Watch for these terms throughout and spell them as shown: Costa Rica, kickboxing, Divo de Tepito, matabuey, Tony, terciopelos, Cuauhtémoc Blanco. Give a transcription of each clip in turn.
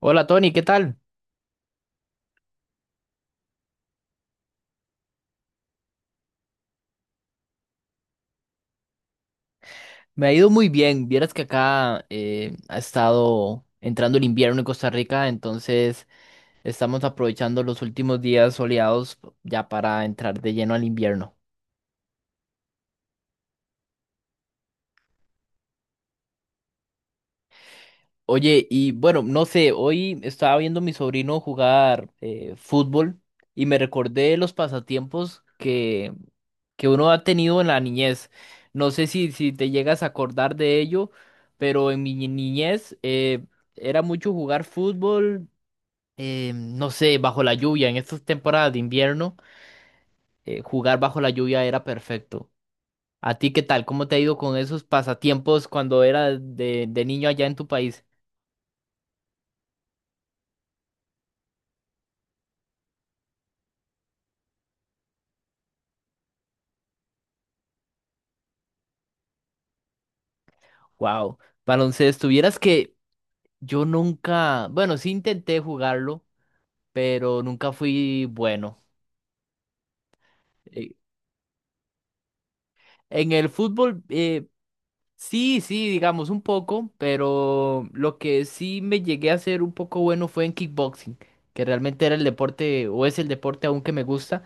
Hola Tony, ¿qué tal? Me ha ido muy bien. Vieras que acá ha estado entrando el invierno en Costa Rica, entonces estamos aprovechando los últimos días soleados ya para entrar de lleno al invierno. Oye, y bueno, no sé, hoy estaba viendo a mi sobrino jugar fútbol y me recordé los pasatiempos que uno ha tenido en la niñez. No sé si te llegas a acordar de ello, pero en mi niñez era mucho jugar fútbol no sé, bajo la lluvia. En estas temporadas de invierno, jugar bajo la lluvia era perfecto. ¿A ti qué tal? ¿Cómo te ha ido con esos pasatiempos cuando era de niño allá en tu país? Wow. Baloncesto, vieras que yo nunca, bueno, sí intenté jugarlo, pero nunca fui bueno. Eh, en el fútbol, sí, sí, digamos un poco, pero lo que sí me llegué a ser un poco bueno fue en kickboxing, que realmente era el deporte, o es el deporte aún que me gusta.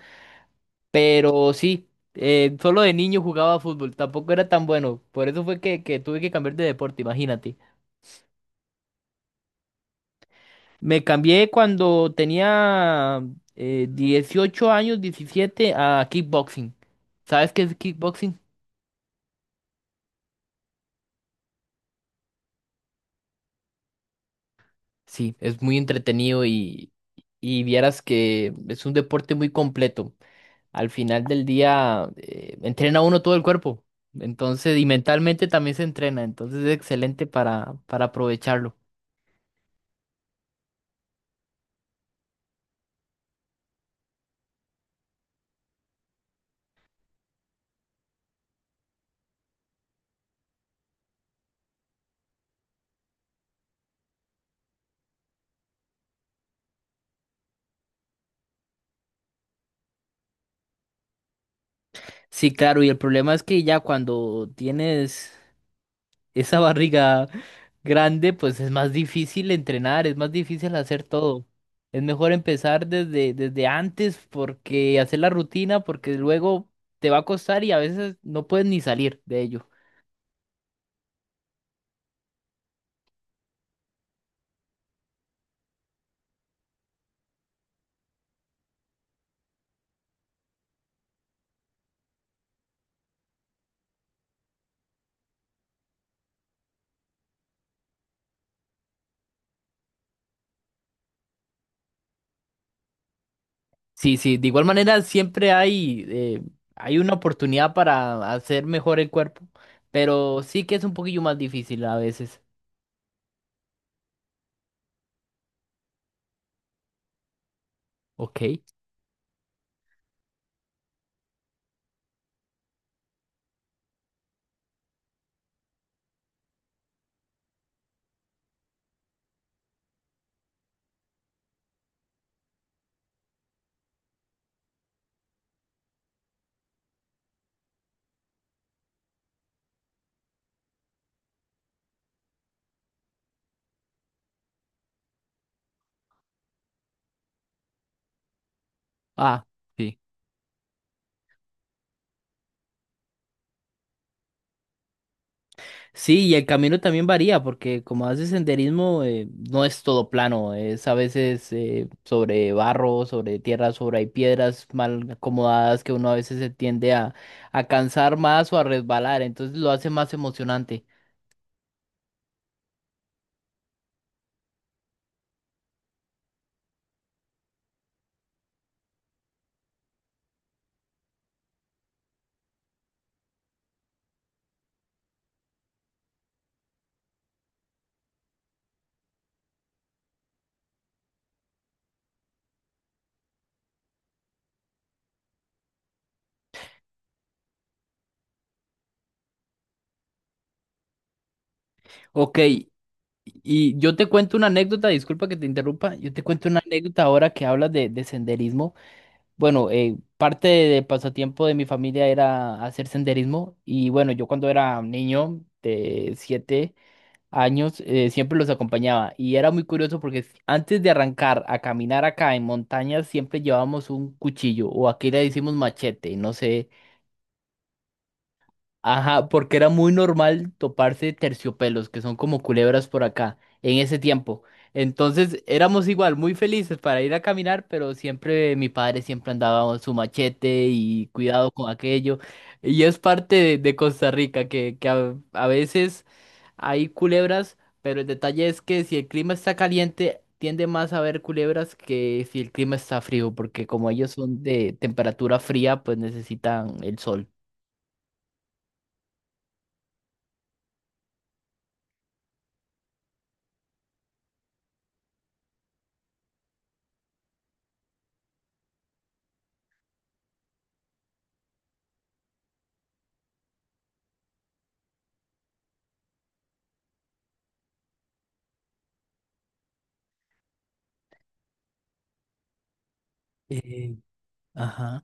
Pero sí, solo de niño jugaba fútbol, tampoco era tan bueno. Por eso fue que tuve que cambiar de deporte, imagínate. Me cambié cuando tenía 18 años, 17 a kickboxing. ¿Sabes qué es kickboxing? Sí, es muy entretenido y vieras que es un deporte muy completo. Al final del día, entrena uno todo el cuerpo. Entonces, y mentalmente también se entrena. Entonces es excelente para aprovecharlo. Sí, claro, y el problema es que ya cuando tienes esa barriga grande, pues es más difícil entrenar, es más difícil hacer todo. Es mejor empezar desde antes porque hacer la rutina, porque luego te va a costar y a veces no puedes ni salir de ello. Sí, sí, de igual manera siempre hay, hay una oportunidad para hacer mejor el cuerpo, pero sí que es un poquillo más difícil a veces. Ok. Ah, sí. Sí, y el camino también varía, porque como haces senderismo, no es todo plano, es a veces sobre barro, sobre tierra, sobre hay piedras mal acomodadas que uno a veces se tiende a cansar más o a resbalar, entonces lo hace más emocionante. Ok, y yo te cuento una anécdota, disculpa que te interrumpa, yo te cuento una anécdota ahora que hablas de senderismo. Bueno, parte del pasatiempo de mi familia era hacer senderismo, y bueno, yo cuando era niño de 7 años, siempre los acompañaba. Y era muy curioso porque antes de arrancar a caminar acá en montañas, siempre llevábamos un cuchillo o aquí le decimos machete, no sé. Ajá, porque era muy normal toparse terciopelos, que son como culebras por acá, en ese tiempo. Entonces éramos igual, muy felices para ir a caminar, pero siempre mi padre siempre andaba con su machete y cuidado con aquello. Y es parte de Costa Rica, que a veces hay culebras, pero el detalle es que si el clima está caliente, tiende más a haber culebras que si el clima está frío, porque como ellos son de temperatura fría, pues necesitan el sol. Eh, ajá.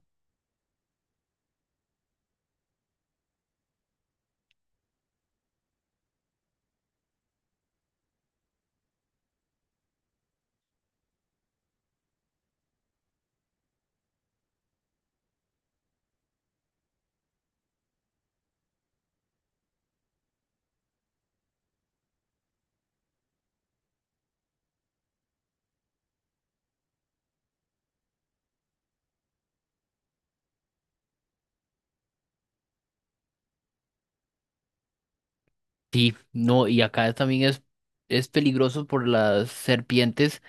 Sí, no, y acá también es peligroso por las serpientes,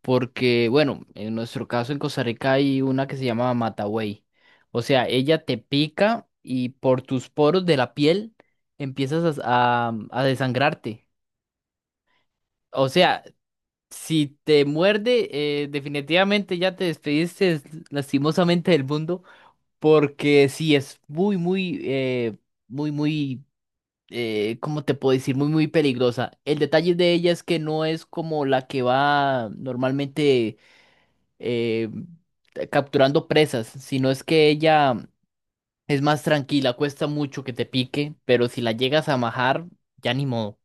porque, bueno, en nuestro caso en Costa Rica hay una que se llama matabuey. O sea, ella te pica y por tus poros de la piel empiezas a, a desangrarte. O sea, si te muerde, definitivamente ya te despediste lastimosamente del mundo, porque sí es muy, muy, muy, muy ¿cómo te puedo decir? Muy, muy peligrosa. El detalle de ella es que no es como la que va normalmente eh, capturando presas, sino es que ella es más tranquila, cuesta mucho que te pique, pero si la llegas a majar, ya ni modo.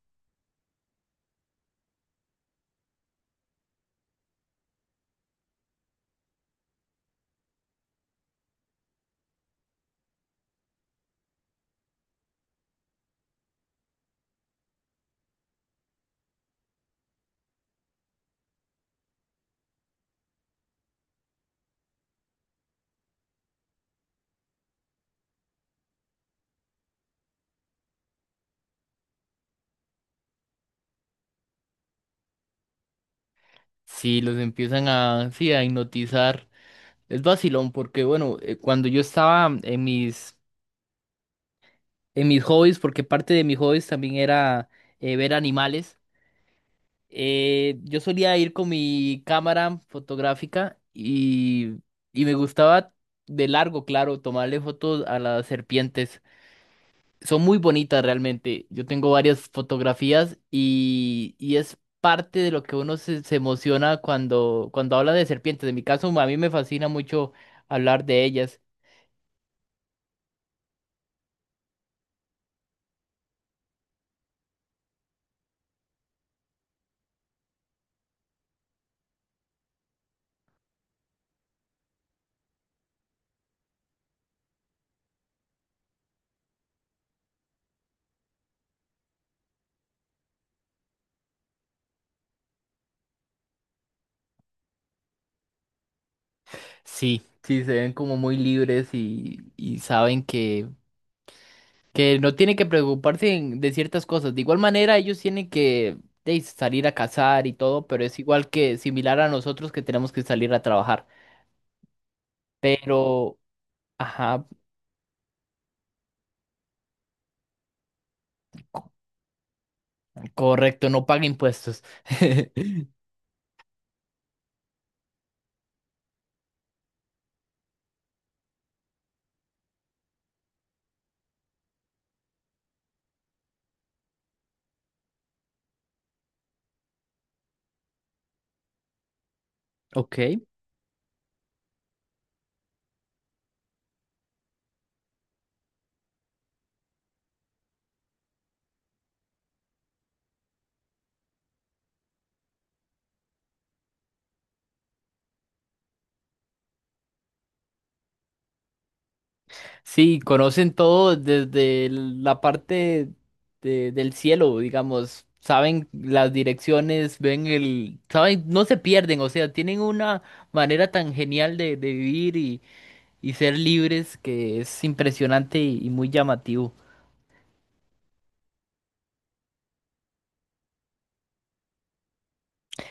Si los empiezan a, sí, a hipnotizar, es vacilón, porque bueno, cuando yo estaba en mis hobbies, porque parte de mis hobbies también era ver animales. Yo solía ir con mi cámara fotográfica y me gustaba de largo, claro, tomarle fotos a las serpientes. Son muy bonitas realmente. Yo tengo varias fotografías y es parte de lo que uno se emociona cuando habla de serpientes. En mi caso, a mí me fascina mucho hablar de ellas. Sí, sí, se ven como muy libres y saben que no tiene que preocuparse de ciertas cosas. De igual manera, ellos tienen que de, salir a cazar y todo, pero es igual que similar a nosotros que tenemos que salir a trabajar. Pero, ajá, co- correcto, no paga impuestos. Ok, sí, conocen todo desde la parte del cielo, digamos. Saben las direcciones, ven el, saben, no se pierden, o sea, tienen una manera tan genial de vivir y ser libres, que es impresionante y muy llamativo.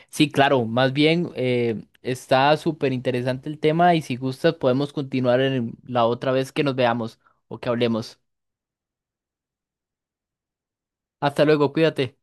Sí, claro, más bien está súper interesante el tema y si gustas podemos continuar en la otra vez que nos veamos o que hablemos. Hasta luego, cuídate.